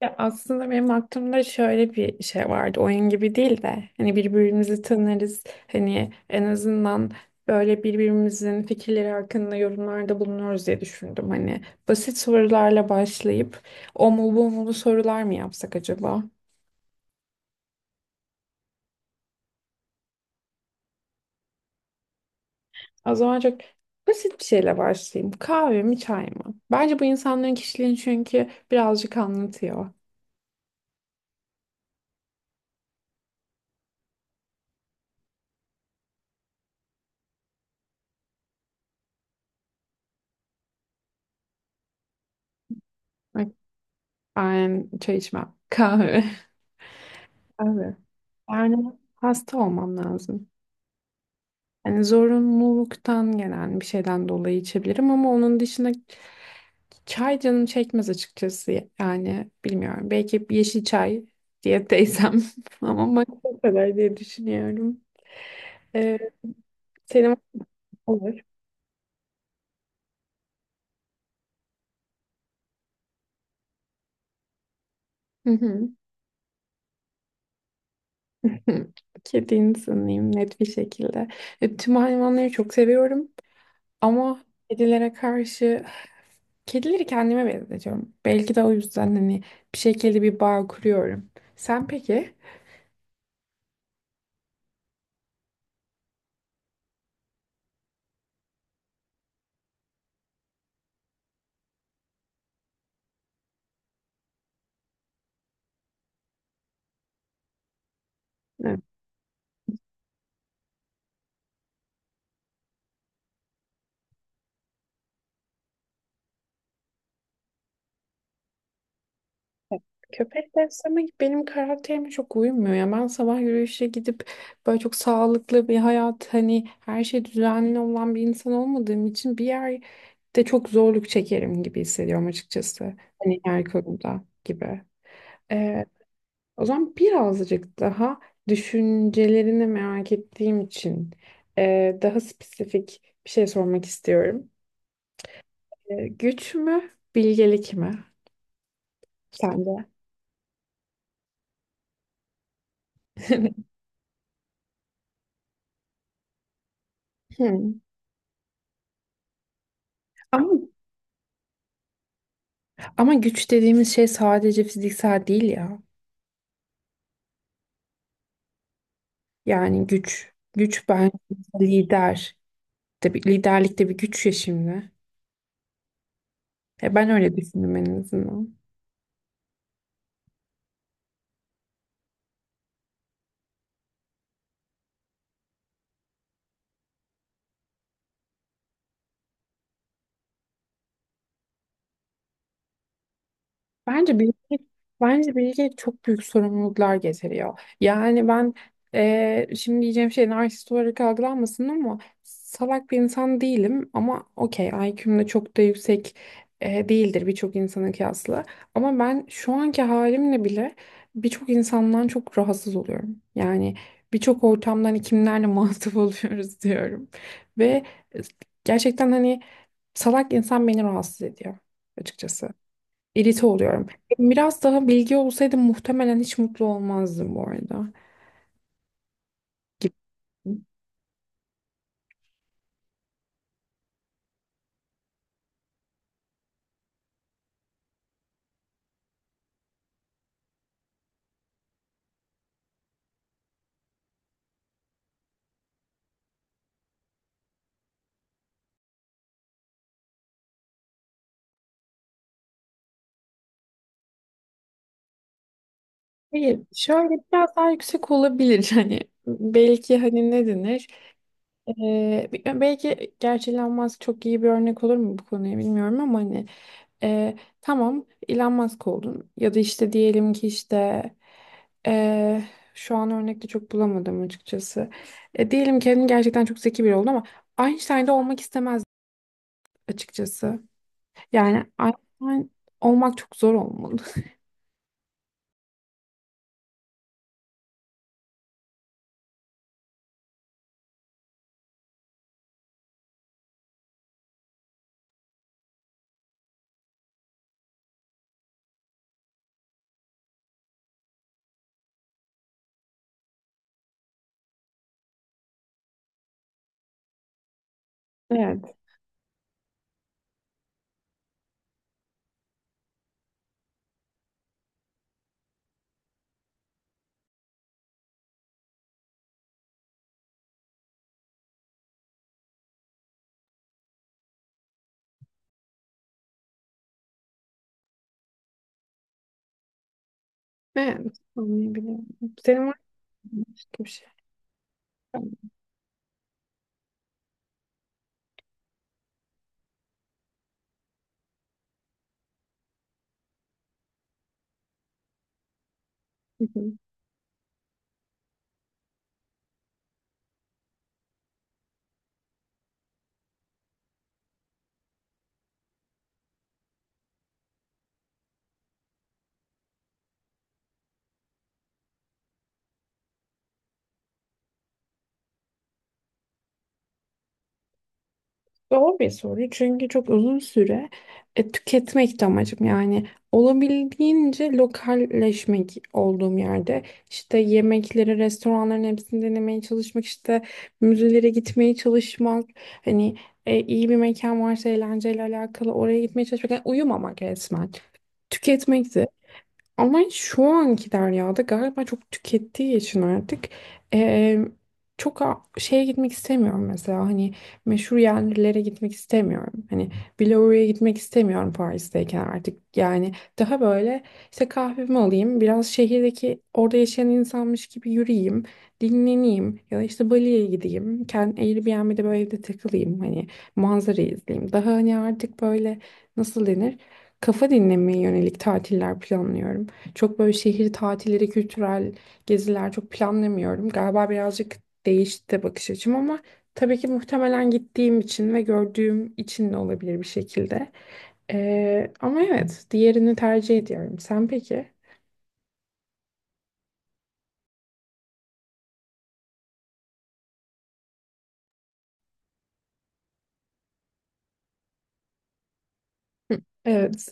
Ya aslında benim aklımda şöyle bir şey vardı. Oyun gibi değil de hani birbirimizi tanırız. Hani en azından böyle birbirimizin fikirleri hakkında yorumlarda bulunuyoruz diye düşündüm. Hani basit sorularla başlayıp o mu bu mu sorular mı yapsak acaba? O zaman çok basit bir şeyle başlayayım. Kahve mi çay mı? Bence bu insanların kişiliğini çünkü birazcık anlatıyor. Bak, ben çay içmem. Kahve. Kahve. Yani hasta olmam lazım. Yani zorunluluktan gelen bir şeyden dolayı içebilirim ama onun dışında çay canım çekmez açıkçası. Yani bilmiyorum. Belki bir yeşil çay diye teyzem ama makine o kadar diye düşünüyorum. Ee, senin olur. Hı hı. Kedi insanıyım net bir şekilde. E, tüm hayvanları çok seviyorum ama kedilere karşı kedileri kendime benzetiyorum. Belki de o yüzden hani bir şekilde bir bağ kuruyorum. Sen peki? Köpek besleme benim karakterime çok uymuyor ya. Ben sabah yürüyüşe gidip böyle çok sağlıklı bir hayat hani her şey düzenli olan bir insan olmadığım için bir yerde çok zorluk çekerim gibi hissediyorum açıkçası. Hani yer konuda gibi. O zaman birazcık daha düşüncelerini merak ettiğim için daha spesifik bir şey sormak istiyorum. E, güç mü, bilgelik mi? Sende. Hmm. Ama, ama güç dediğimiz şey sadece fiziksel değil ya. Yani güç ben lider. Tabii liderlik de bir güç ya şimdi. E, ben öyle düşündüm en azından. Bence bilgi, bence bilgi çok büyük sorumluluklar getiriyor. Yani ben şimdi diyeceğim şey narsist olarak algılanmasın ama salak bir insan değilim ama okey IQ'm de çok da yüksek değildir birçok insana kıyasla. Ama ben şu anki halimle bile birçok insandan çok rahatsız oluyorum. Yani birçok ortamdan hani kimlerle muhatap oluyoruz diyorum. Ve gerçekten hani salak insan beni rahatsız ediyor açıkçası irite oluyorum. Biraz daha bilgi olsaydı muhtemelen hiç mutlu olmazdım bu arada. Gibi. Hayır, şöyle biraz daha yüksek olabilir hani belki hani ne denir? Belki gerçi Elon Musk çok iyi bir örnek olur mu bu konuya bilmiyorum ama hani tamam Elon Musk oldun ya da işte diyelim ki e, şu an örnekte çok bulamadım açıkçası. E, diyelim ki hani gerçekten çok zeki biri oldun ama Einstein'da olmak istemez açıkçası. Yani Einstein olmak çok zor olmalı. Evet. Evet. Anlayabiliyorum. Senin var mı başka bir şey? Hı hı. Zor bir soru çünkü çok uzun süre tüketmek de amacım yani olabildiğince lokalleşmek olduğum yerde işte yemekleri restoranların hepsini denemeye çalışmak işte müzelere gitmeye çalışmak hani iyi bir mekan varsa eğlenceyle alakalı oraya gitmeye çalışmak yani uyumamak resmen tüketmekti. Ama şu anki Derya'da galiba çok tükettiği için artık eee, şeye gitmek istemiyorum mesela hani meşhur yerlere gitmek istemiyorum. Hani Biloru'ya gitmek istemiyorum Paris'teyken artık yani daha böyle işte kahvemi alayım biraz şehirdeki orada yaşayan insanmış gibi yürüyeyim dinleneyim ya da işte Bali'ye gideyim kendi Airbnb'de böyle evde takılayım hani manzarayı izleyeyim. Daha hani artık böyle nasıl denir? Kafa dinlemeye yönelik tatiller planlıyorum. Çok böyle şehir tatilleri, kültürel geziler çok planlamıyorum. Galiba birazcık değişti bakış açım ama tabii ki muhtemelen gittiğim için ve gördüğüm için de olabilir bir şekilde. Ama evet, diğerini tercih ediyorum. Sen peki? Evet.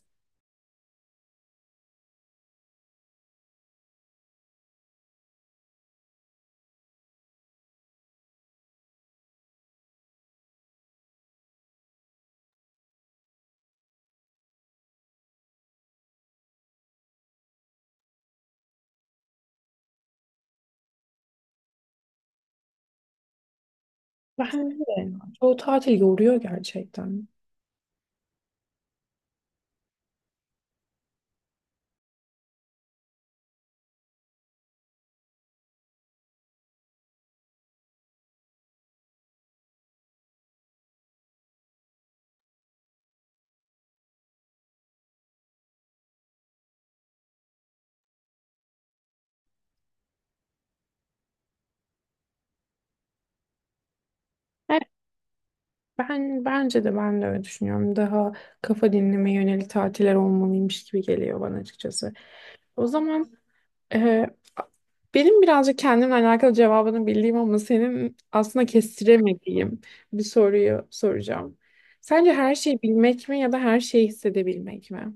Ben de. Çoğu tatil yoruyor gerçekten. Ben de öyle düşünüyorum. Daha kafa dinleme yönelik tatiller olmalıymış gibi geliyor bana açıkçası. O zaman e, benim birazcık kendimle alakalı cevabını bildiğim ama senin aslında kestiremediğim bir soruyu soracağım. Sence her şeyi bilmek mi ya da her şeyi hissedebilmek mi?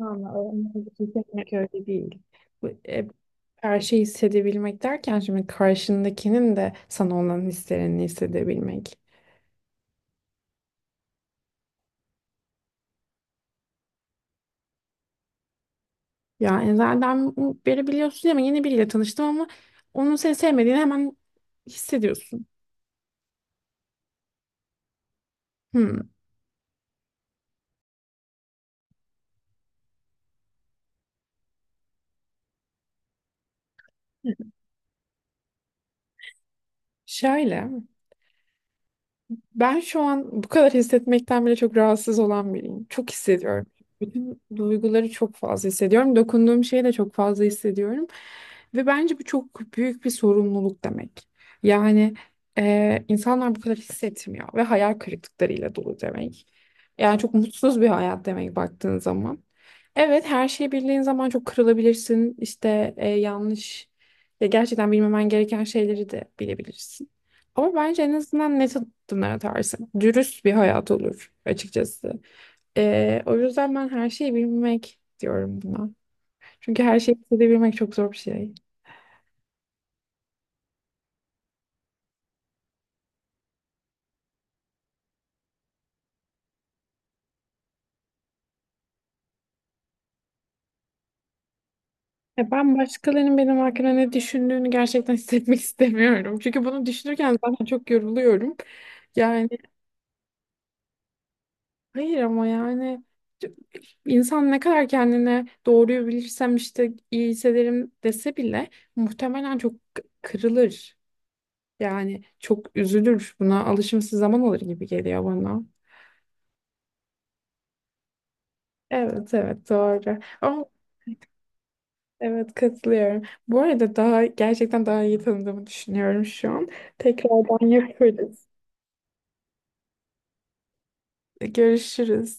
Ama onlar için öyle değil. Bu, e, her şeyi hissedebilmek derken şimdi karşındakinin de sana olan hislerini hissedebilmek. Ya Enzel'den beri biliyorsun ama yeni biriyle tanıştım ama onun seni sevmediğini hemen hissediyorsun. Hmm. Şöyle, ben şu an bu kadar hissetmekten bile çok rahatsız olan biriyim. Çok hissediyorum. Bütün duyguları çok fazla hissediyorum. Dokunduğum şeyi de çok fazla hissediyorum. Ve bence bu çok büyük bir sorumluluk demek. Yani insanlar bu kadar hissetmiyor ve hayal kırıklıklarıyla dolu demek. Yani çok mutsuz bir hayat demek baktığın zaman. Evet her şeyi bildiğin zaman çok kırılabilirsin. İşte yanlış ya gerçekten bilmemen gereken şeyleri de bilebilirsin. Ama bence en azından net adımlar atarsın. Dürüst bir hayat olur açıkçası. O yüzden ben her şeyi bilmek diyorum buna. Çünkü her şeyi hissedebilmek çok zor bir şey. Ya ben başkalarının benim hakkında ne düşündüğünü gerçekten hissetmek istemiyorum. Çünkü bunu düşünürken zaten çok yoruluyorum. Yani hayır ama yani c- insan ne kadar kendine doğruyu bilirsem işte iyi hissederim dese bile muhtemelen çok kırılır. Yani çok üzülür buna alışması zaman alır gibi geliyor bana. Evet doğru. Ama evet katılıyorum. Bu arada daha gerçekten daha iyi tanıdığımı düşünüyorum şu an. Tekrardan yaparız. Görüşürüz.